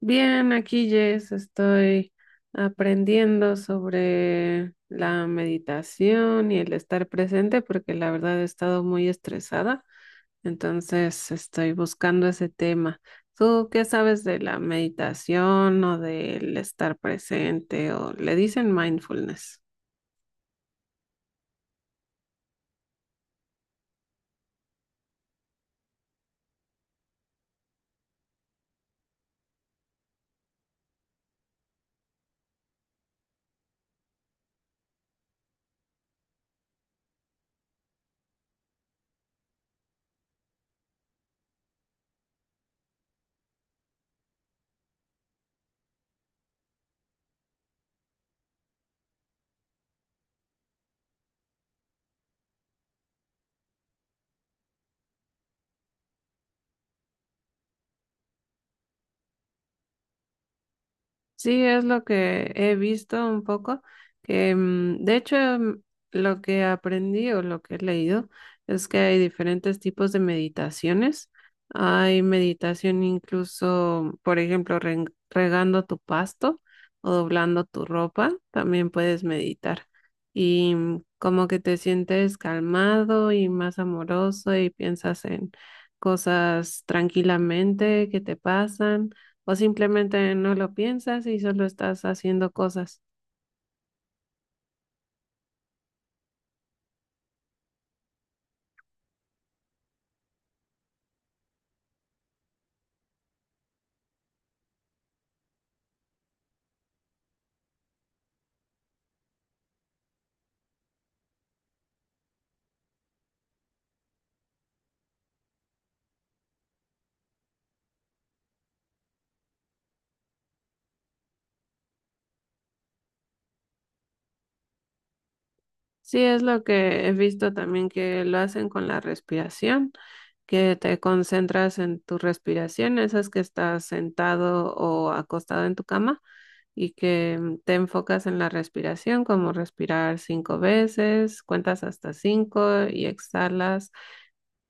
Bien, aquí Jess, estoy aprendiendo sobre la meditación y el estar presente porque la verdad he estado muy estresada, entonces estoy buscando ese tema. ¿Tú qué sabes de la meditación o del estar presente o le dicen mindfulness? Sí, es lo que he visto un poco, que de hecho, lo que aprendí o lo que he leído es que hay diferentes tipos de meditaciones. Hay meditación incluso, por ejemplo, regando tu pasto o doblando tu ropa, también puedes meditar. Y como que te sientes calmado y más amoroso y piensas en cosas tranquilamente que te pasan o simplemente no lo piensas y solo estás haciendo cosas. Sí, es lo que he visto también que lo hacen con la respiración, que te concentras en tu respiración, esas que estás sentado o acostado en tu cama y que te enfocas en la respiración, como respirar 5 veces, cuentas hasta 5 y exhalas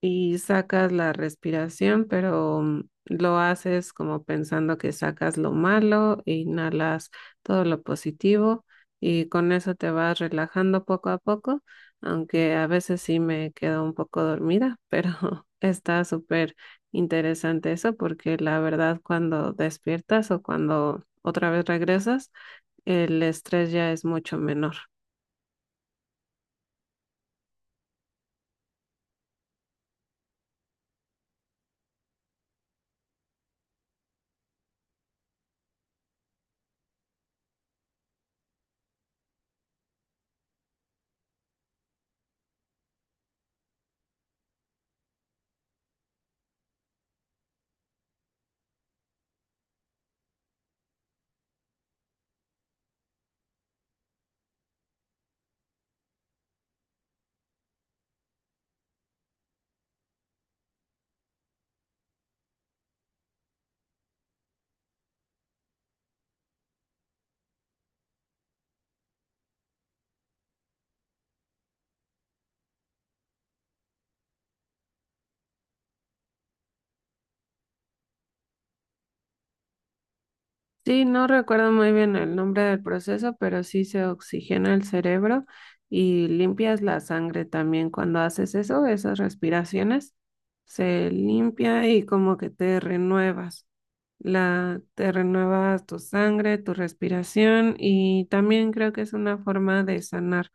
y sacas la respiración, pero lo haces como pensando que sacas lo malo, e inhalas todo lo positivo y con eso te vas relajando poco a poco, aunque a veces sí me quedo un poco dormida, pero está súper interesante eso porque la verdad cuando despiertas o cuando otra vez regresas, el estrés ya es mucho menor. Sí, no recuerdo muy bien el nombre del proceso, pero sí se oxigena el cerebro y limpias la sangre también. Cuando haces eso, esas respiraciones, se limpia y como que te renuevas. La, te renuevas tu sangre, tu respiración y también creo que es una forma de sanar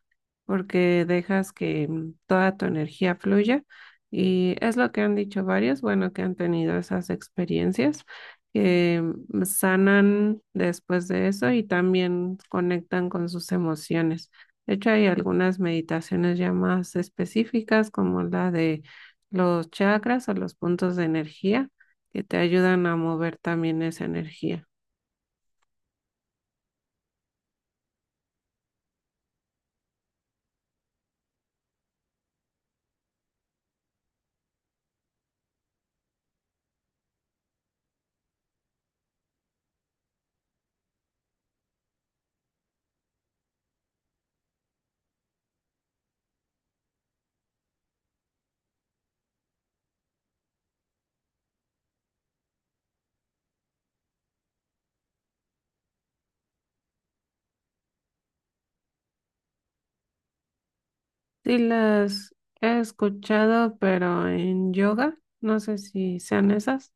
porque dejas que toda tu energía fluya y es lo que han dicho varios, bueno, que han tenido esas experiencias que sanan después de eso y también conectan con sus emociones. De hecho, hay algunas meditaciones ya más específicas, como la de los chakras o los puntos de energía, que te ayudan a mover también esa energía. Sí, las he escuchado, pero en yoga, no sé si sean esas.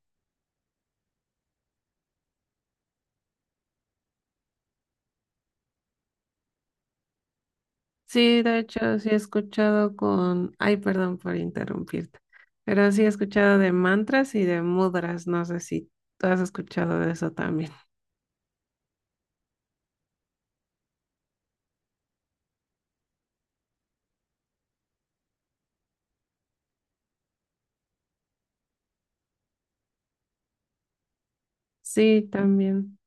Sí, de hecho, sí he escuchado con, ay, perdón por interrumpirte, pero sí he escuchado de mantras y de mudras, no sé si tú has escuchado de eso también. Sí, también.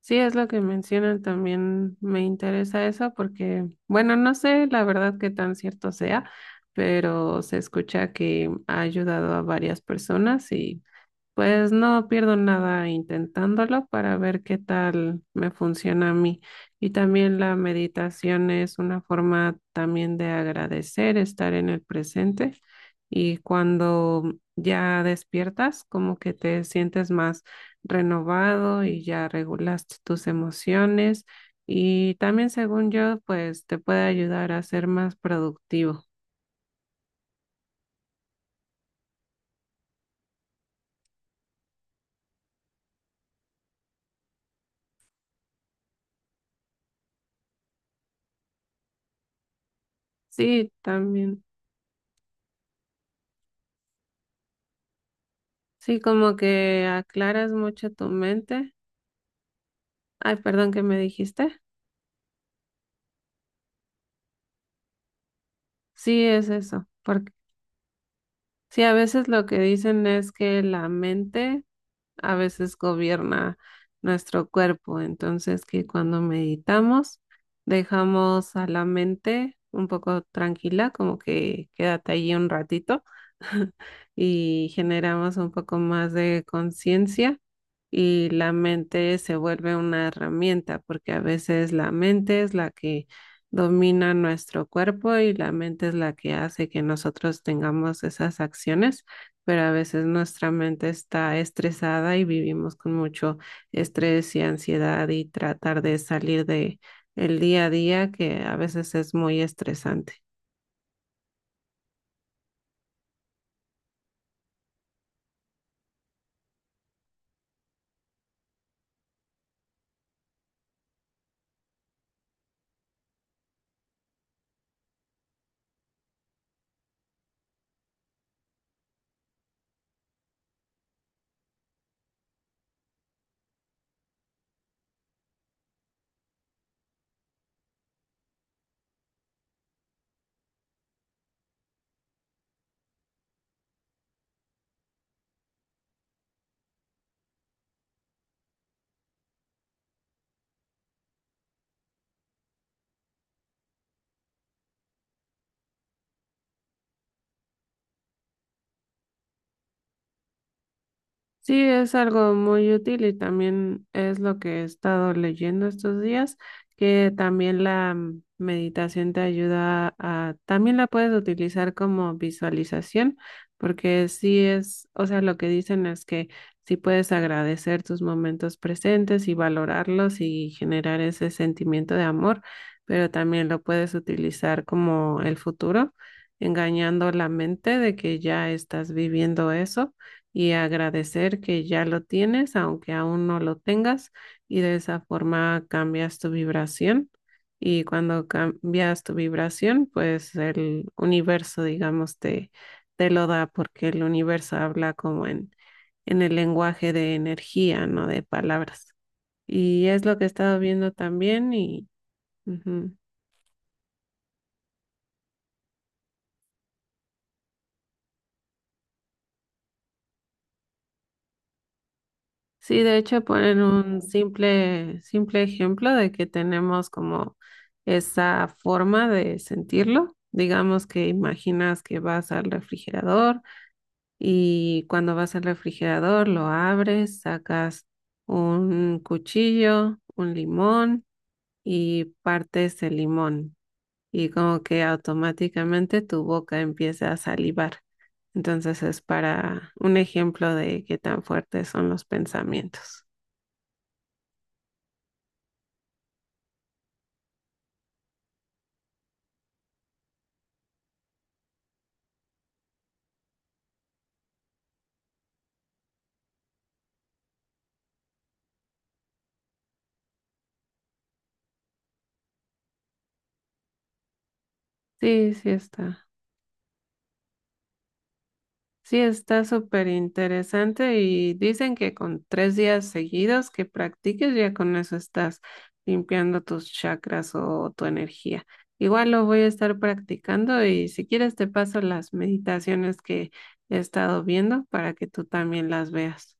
Sí, es lo que mencionan, también me interesa eso porque, bueno, no sé la verdad qué tan cierto sea, pero se escucha que ha ayudado a varias personas. Pues no pierdo nada intentándolo para ver qué tal me funciona a mí. Y también la meditación es una forma también de agradecer, estar en el presente. Y cuando ya despiertas, como que te sientes más renovado y ya regulaste tus emociones. Y también, según yo, pues te puede ayudar a ser más productivo. Sí, también. Sí, como que aclaras mucho tu mente. Ay, perdón, ¿qué me dijiste? Sí, es eso, porque sí, a veces lo que dicen es que la mente a veces gobierna nuestro cuerpo. Entonces, que cuando meditamos, dejamos a la mente un poco tranquila, como que quédate allí un ratito y generamos un poco más de conciencia y la mente se vuelve una herramienta, porque a veces la mente es la que domina nuestro cuerpo y la mente es la que hace que nosotros tengamos esas acciones, pero a veces nuestra mente está estresada y vivimos con mucho estrés y ansiedad y tratar de salir de el día a día que a veces es muy estresante. Sí, es algo muy útil y también es lo que he estado leyendo estos días, que también la meditación te ayuda a, también la puedes utilizar como visualización, porque sí es, o sea, lo que dicen es que sí puedes agradecer tus momentos presentes y valorarlos y generar ese sentimiento de amor, pero también lo puedes utilizar como el futuro, engañando la mente de que ya estás viviendo eso y agradecer que ya lo tienes, aunque aún no lo tengas, y de esa forma cambias tu vibración. Y cuando cambias tu vibración, pues el universo, digamos, te lo da porque el universo habla como en el lenguaje de energía, no de palabras. Y es lo que he estado viendo también y... Ujú. Sí, de hecho ponen un simple ejemplo de que tenemos como esa forma de sentirlo. Digamos que imaginas que vas al refrigerador y cuando vas al refrigerador lo abres, sacas un cuchillo, un limón y partes el limón y como que automáticamente tu boca empieza a salivar. Entonces es para un ejemplo de qué tan fuertes son los pensamientos. Sí, sí está. Sí, está súper interesante y dicen que con 3 días seguidos que practiques, ya con eso estás limpiando tus chakras o tu energía. Igual lo voy a estar practicando y si quieres te paso las meditaciones que he estado viendo para que tú también las veas.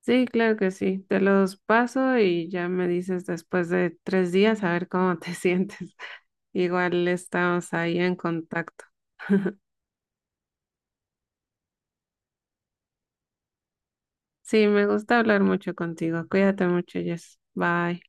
Sí, claro que sí. Te los paso y ya me dices después de 3 días a ver cómo te sientes. Igual estamos ahí en contacto. Sí, me gusta hablar mucho contigo. Cuídate mucho, Jess. Bye.